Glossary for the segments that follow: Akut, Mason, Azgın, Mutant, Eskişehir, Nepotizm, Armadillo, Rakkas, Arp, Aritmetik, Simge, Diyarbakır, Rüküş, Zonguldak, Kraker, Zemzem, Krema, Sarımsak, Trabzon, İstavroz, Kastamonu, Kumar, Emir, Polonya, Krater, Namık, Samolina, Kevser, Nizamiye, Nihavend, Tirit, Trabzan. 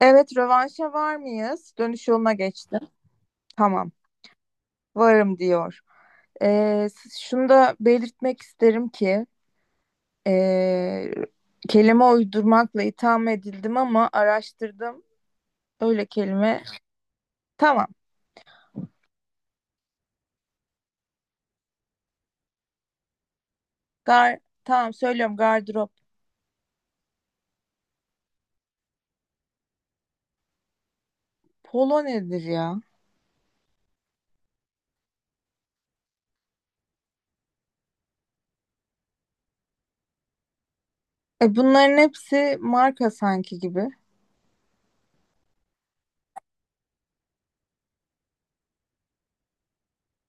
Evet, rövanşa var mıyız? Dönüş yoluna geçtim. Tamam, varım diyor. Şunu da belirtmek isterim ki ee, kelime uydurmakla itham edildim ama araştırdım. Öyle kelime. Tamam, tamam söylüyorum gardırop. Polo nedir ya? E, bunların hepsi marka sanki gibi.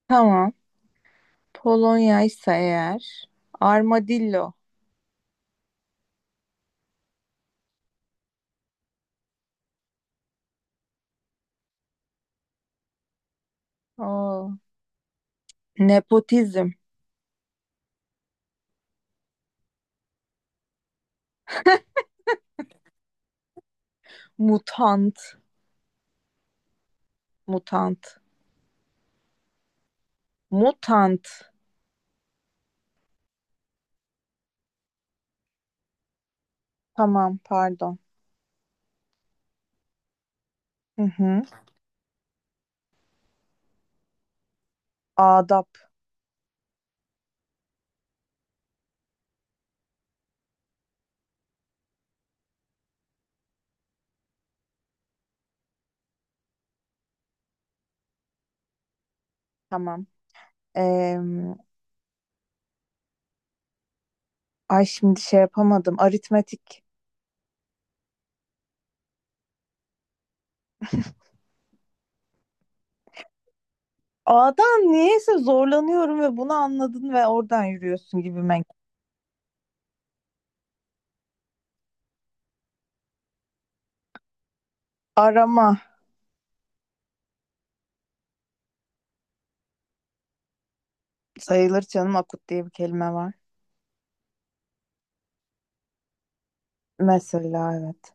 Tamam, Polonya ise eğer. Armadillo. Oo. Nepotizm. Mutant. Mutant. Mutant. Tamam, pardon. Hı hı. Adap. Tamam. Ee, ay şimdi şey yapamadım. Aritmetik. A'dan niyeyse zorlanıyorum ve bunu anladın ve oradan yürüyorsun gibime. Arama. Sayılır canım, akut diye bir kelime var. Mesela evet.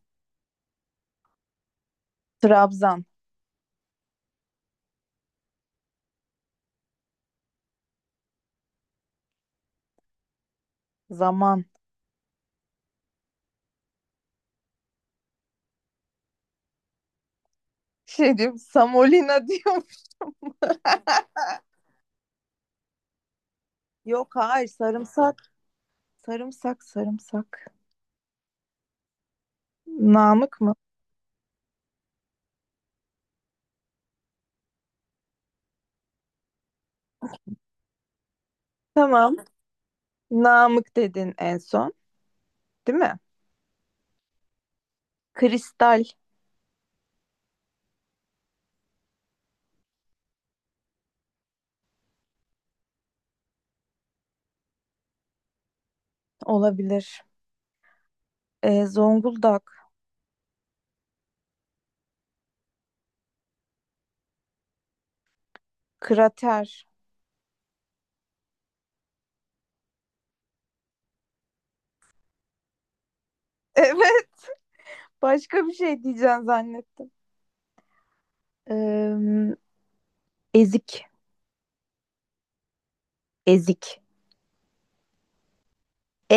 Trabzan. Zaman. Şey diyorum. Samolina diyorum. Yok hayır, sarımsak. Sarımsak sarımsak. Namık mı? Tamam. Namık dedin en son, değil mi? Kristal. Olabilir. Zonguldak, krater. Evet, başka bir şey diyeceğim zannettim. Ee, ezik, ezik,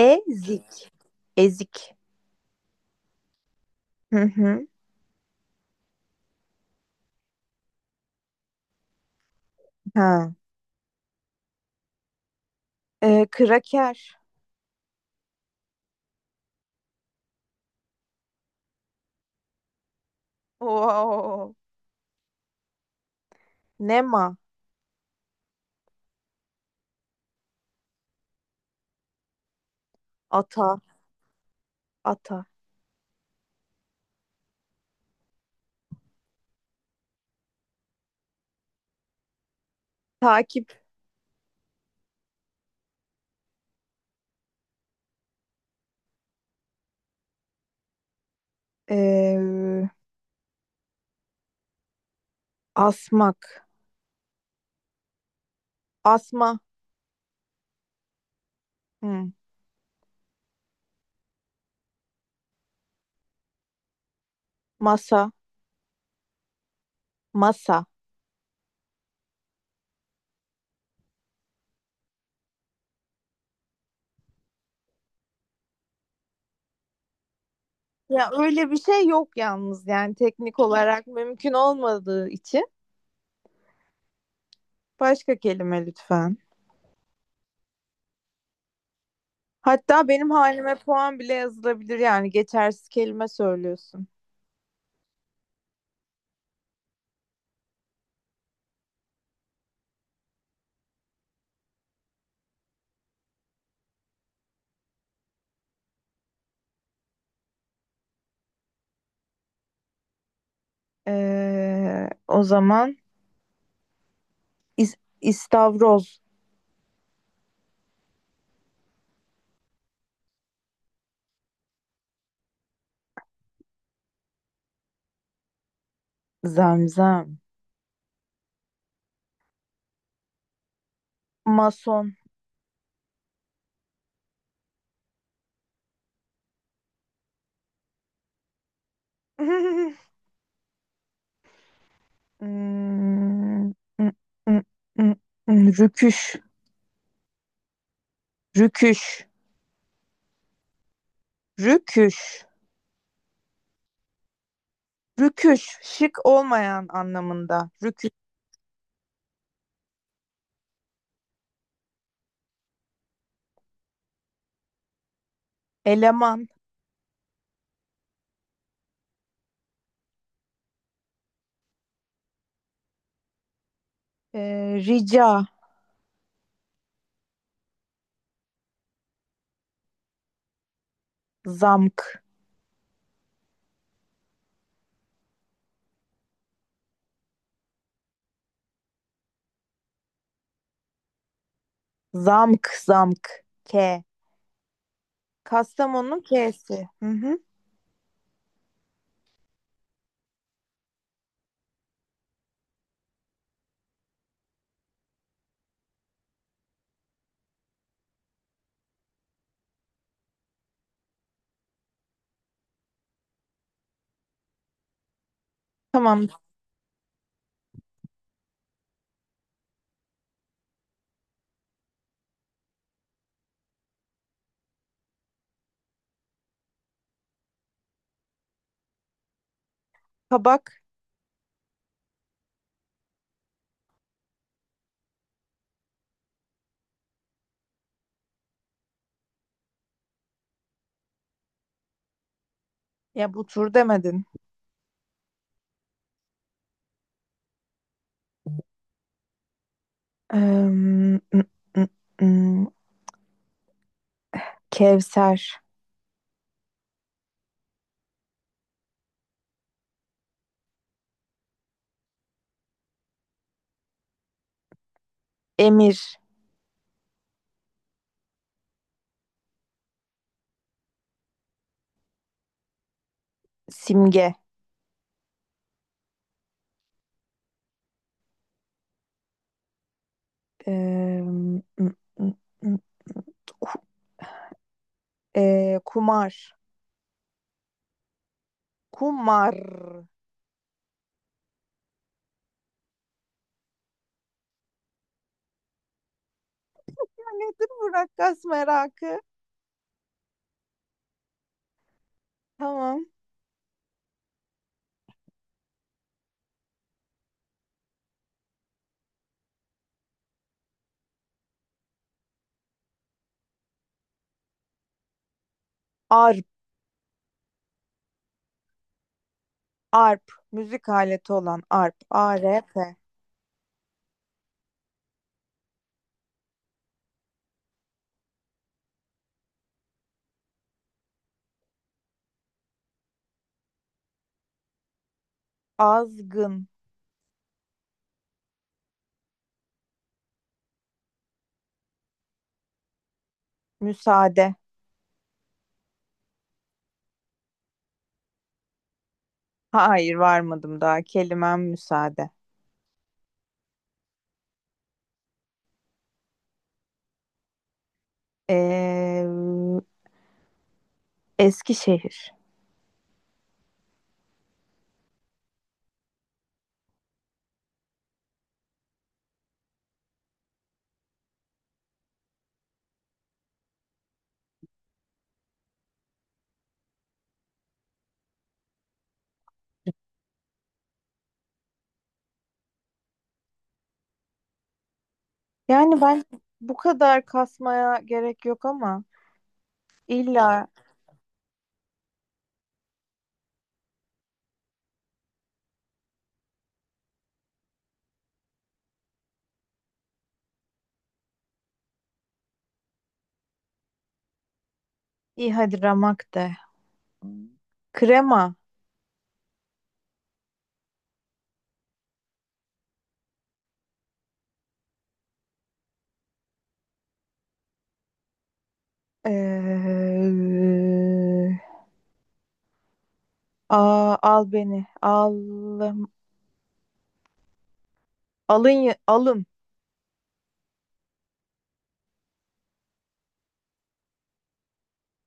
ezik, ezik. Hı hı. Ha. Kraker. Oo. Nema, ata, ata. Takip, Ee, asmak, asma, Hı. Masa, masa. Ya öyle bir şey yok yalnız, yani teknik olarak mümkün olmadığı için. Başka kelime lütfen. Hatta benim halime puan bile yazılabilir, yani geçersiz kelime söylüyorsun. O zaman istavroz, zemzem, mason. Hmm, mm, mm, mm, rüküş, rüküş, rüküş, rüküş, şık olmayan anlamında. Rüküş, eleman, rica, zamk, zamk, zamk, K. Kastamonu'nun K'si. Hı hı. Tamam. Kabak. Ya bu tur demedin. Im, ım, ım. Kevser, Emir, Simge, eee, ım, ım, ım, Ku- Kumar, Kumar. Nedir bu rakkas merakı? Tamam. Arp, arp, müzik aleti olan arp, ARP. Azgın, müsaade. Hayır varmadım daha. Kelimem müsaade. Eee Eskişehir. Yani ben bu kadar kasmaya gerek yok ama illa iyi hadi ramak de. Krema. Ee, al beni. Al, alın. Alın.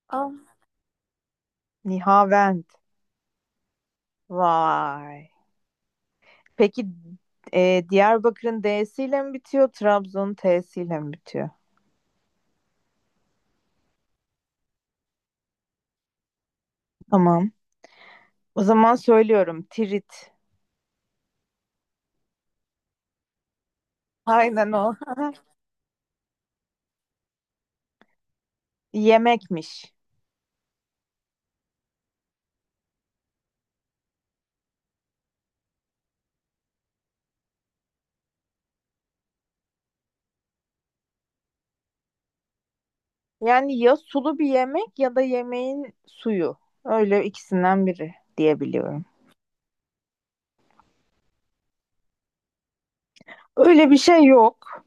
Al. Nihavend. Vay. Peki Diyarbakır'ın D'siyle mi bitiyor? Trabzon'un T'siyle mi bitiyor? Tamam. O zaman söylüyorum. Tirit. Aynen o. Yemekmiş. Yani ya sulu bir yemek ya da yemeğin suyu. Öyle ikisinden biri diyebiliyorum. Öyle bir şey yok.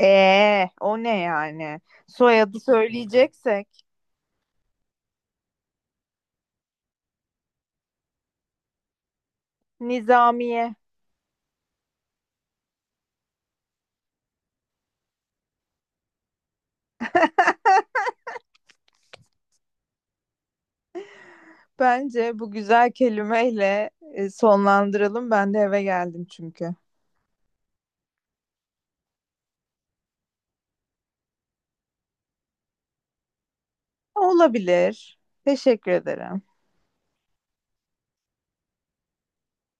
O ne yani? Soyadı söyleyeceksek Nizamiye. Bence bu güzel kelimeyle sonlandıralım. Ben de eve geldim çünkü. Olabilir. Teşekkür ederim.